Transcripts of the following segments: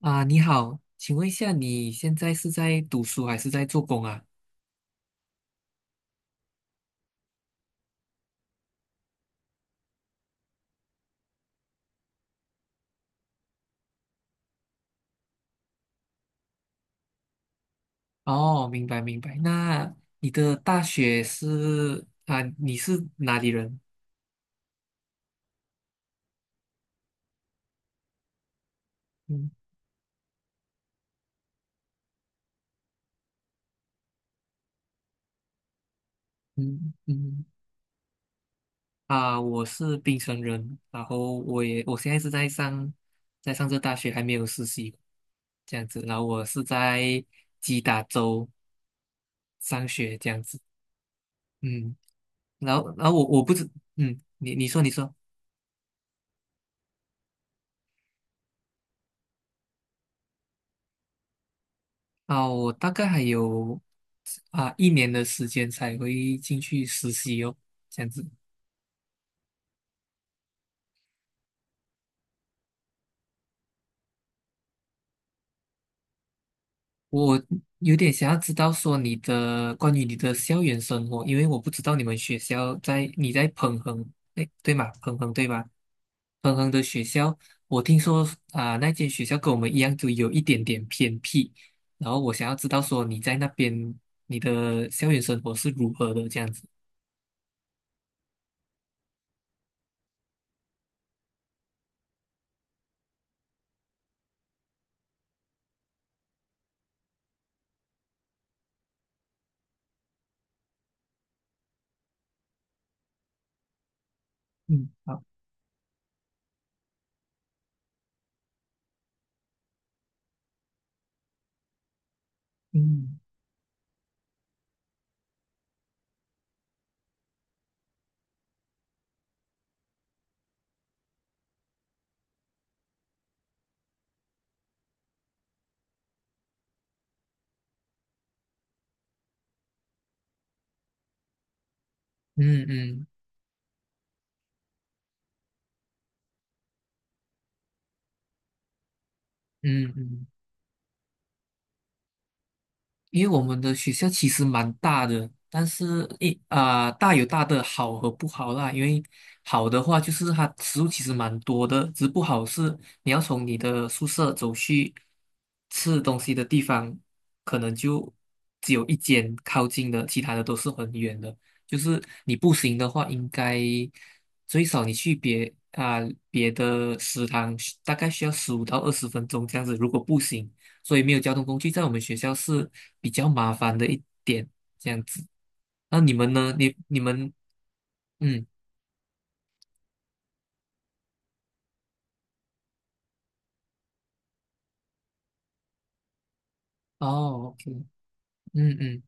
啊，你好，请问一下，你现在是在读书还是在做工啊？哦，明白明白。那你的大学是啊，你是哪里人？嗯嗯嗯。啊，我是槟城人，然后我现在是在上这大学，还没有实习，这样子。然后我是在吉达州上学，这样子。嗯，然后我不知，嗯，你说。啊，我大概还有一年的时间才会进去实习哦，这样子。我有点想要知道说关于你的校园生活，因为我不知道你们学校在彭恒。哎，对吗？彭恒对吧？彭恒的学校，我听说那间学校跟我们一样，就有一点点偏僻。然后我想要知道说你在那边你的校园生活是如何的这样子。嗯，好，嗯嗯嗯嗯嗯。因为我们的学校其实蛮大的，但是大有大的好和不好啦。因为好的话就是它食物其实蛮多的，只不好是你要从你的宿舍走去吃东西的地方，可能就只有一间靠近的，其他的都是很远的。就是你步行的话，应该最少你去别的食堂，大概需要15到20分钟这样子，如果步行。所以没有交通工具在我们学校是比较麻烦的一点，这样子。那你们呢？你你们嗯哦，OK。嗯嗯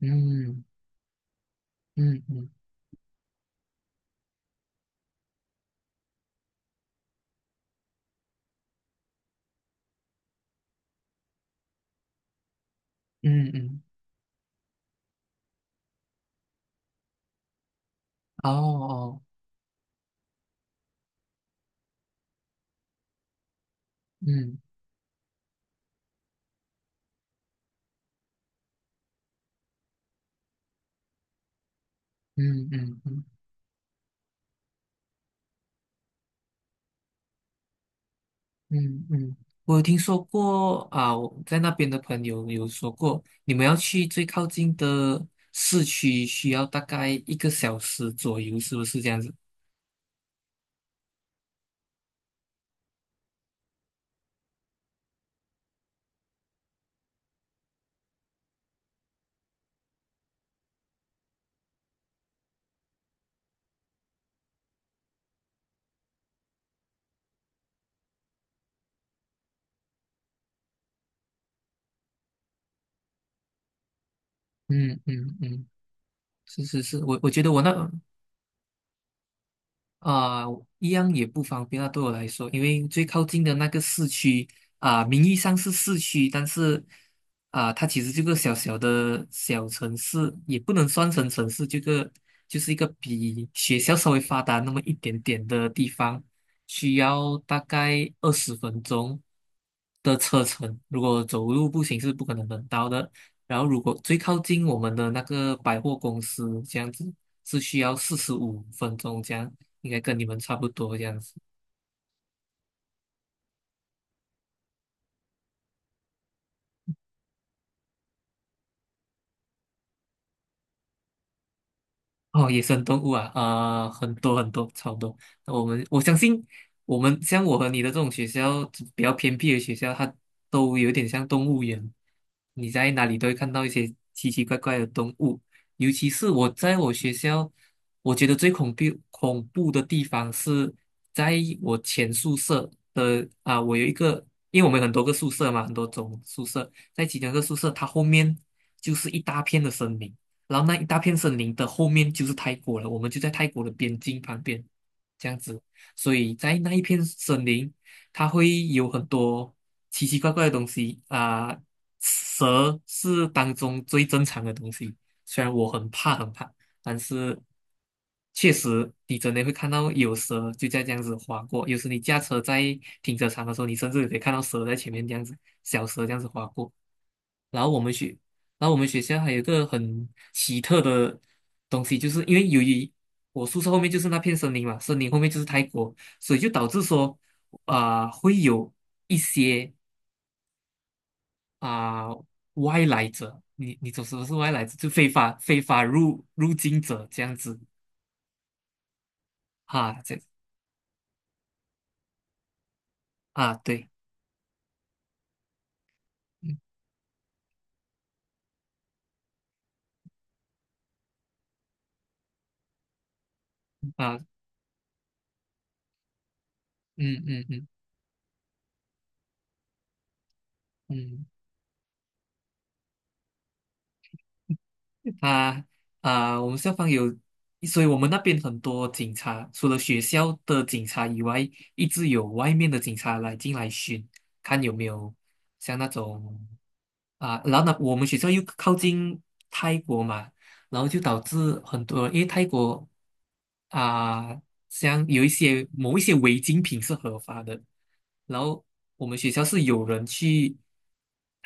嗯嗯嗯嗯嗯。哦哦。嗯嗯嗯嗯嗯嗯，我有听说过啊，我在那边的朋友有说过，你们要去最靠近的市区需要大概一个小时左右，是不是这样子？嗯嗯嗯，是是是，我觉得啊、一样也不方便啊，对我来说，因为最靠近的那个市区名义上是市区，但是它其实这个小小的小城市，也不能算成城市，这个就是一个比学校稍微发达那么一点点的地方，需要大概二十分钟的车程，如果走路步行是不可能能到的。然后，如果最靠近我们的那个百货公司这样子，是需要45分钟这样，应该跟你们差不多这样子。哦，野生动物啊，很多很多，超多。那我相信，我们像我和你的这种学校，比较偏僻的学校，它都有点像动物园。你在哪里都会看到一些奇奇怪怪的动物，尤其是我在我学校，我觉得最恐怖的地方是在我前宿舍的啊，我有一个，因为我们有很多个宿舍嘛，很多种宿舍，在其中一个宿舍，它后面就是一大片的森林。然后那一大片森林的后面就是泰国了，我们就在泰国的边境旁边，这样子，所以在那一片森林，它会有很多奇奇怪怪的东西蛇是当中最正常的东西，虽然我很怕很怕，但是确实你真的会看到有蛇就在这样子划过，有时你驾车在停车场的时候，你甚至可以看到蛇在前面这样子，小蛇这样子划过。然后我们去，然后我们学校还有一个很奇特的东西，就是因为由于我宿舍后面就是那片森林嘛，森林后面就是泰国，所以就导致说会有一些啊、外来者。你懂什么是外来者？就非法入境者这样子。哈，这样啊对。嗯啊嗯嗯嗯嗯。啊我们校方有，所以我们那边很多警察，除了学校的警察以外，一直有外面的警察来进来巡，看有没有像那种然后呢，我们学校又靠近泰国嘛，然后就导致很多，因为泰国啊，像有某一些违禁品是合法的，然后我们学校是有人去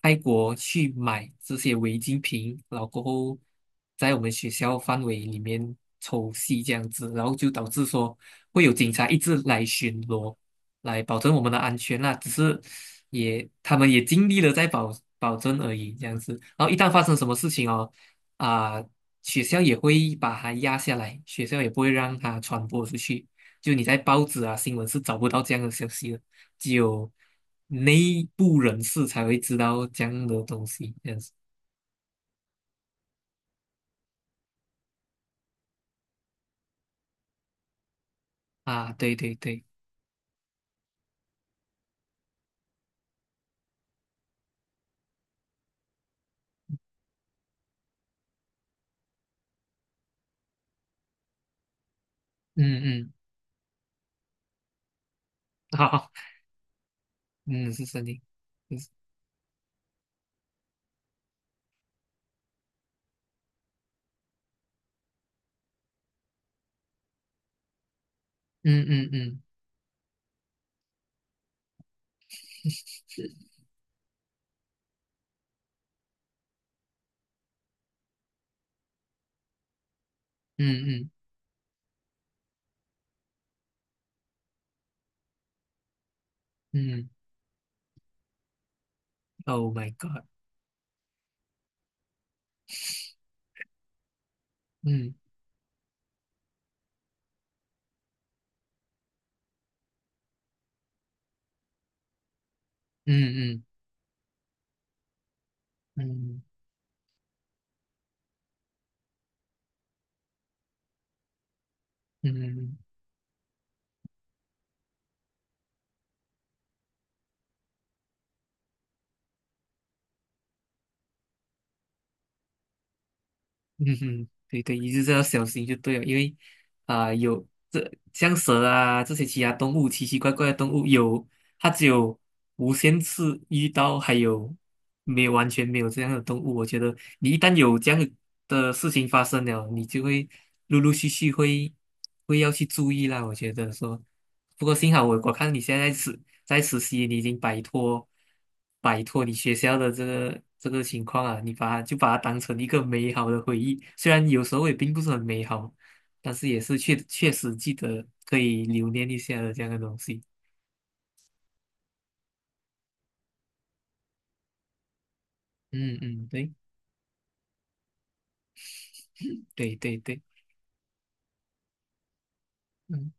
泰国去买这些违禁品，然后过后在我们学校范围里面抽吸这样子，然后就导致说会有警察一直来巡逻，来保证我们的安全啦。只是他们也尽力了在保证而已，这样子。然后一旦发生什么事情哦，啊、学校也会把它压下来，学校也不会让它传播出去。就你在报纸啊、新闻是找不到这样的消息的，只有内部人士才会知道这样的东西，这样子啊。对对对。嗯嗯，好，嗯是森林。嗯嗯嗯嗯嗯嗯，Oh my God。嗯嗯嗯嗯嗯嗯。嗯嗯哼，对对，一直要小心就对了，因为有这像蛇啊这些其他动物，奇奇怪怪的动物有，它只有无限次遇到，还有没有完全没有这样的动物。我觉得你一旦有这样的事情发生了，你就会陆陆续续会要去注意啦。我觉得说，不过幸好我看你现在是在实习，你已经摆脱你学校的这个情况啊，你就把它当成一个美好的回忆，虽然有时候也并不是很美好，但是也是确确实记得可以留念一下的这样的东西。嗯嗯，对对对对，嗯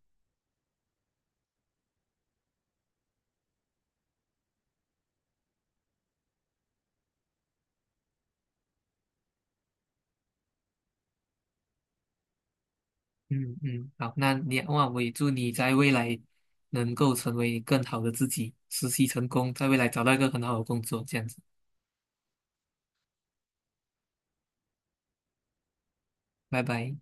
嗯嗯，好，哇，我也祝你在未来能够成为更好的自己，实习成功，在未来找到一个很好的工作，这样子，拜拜。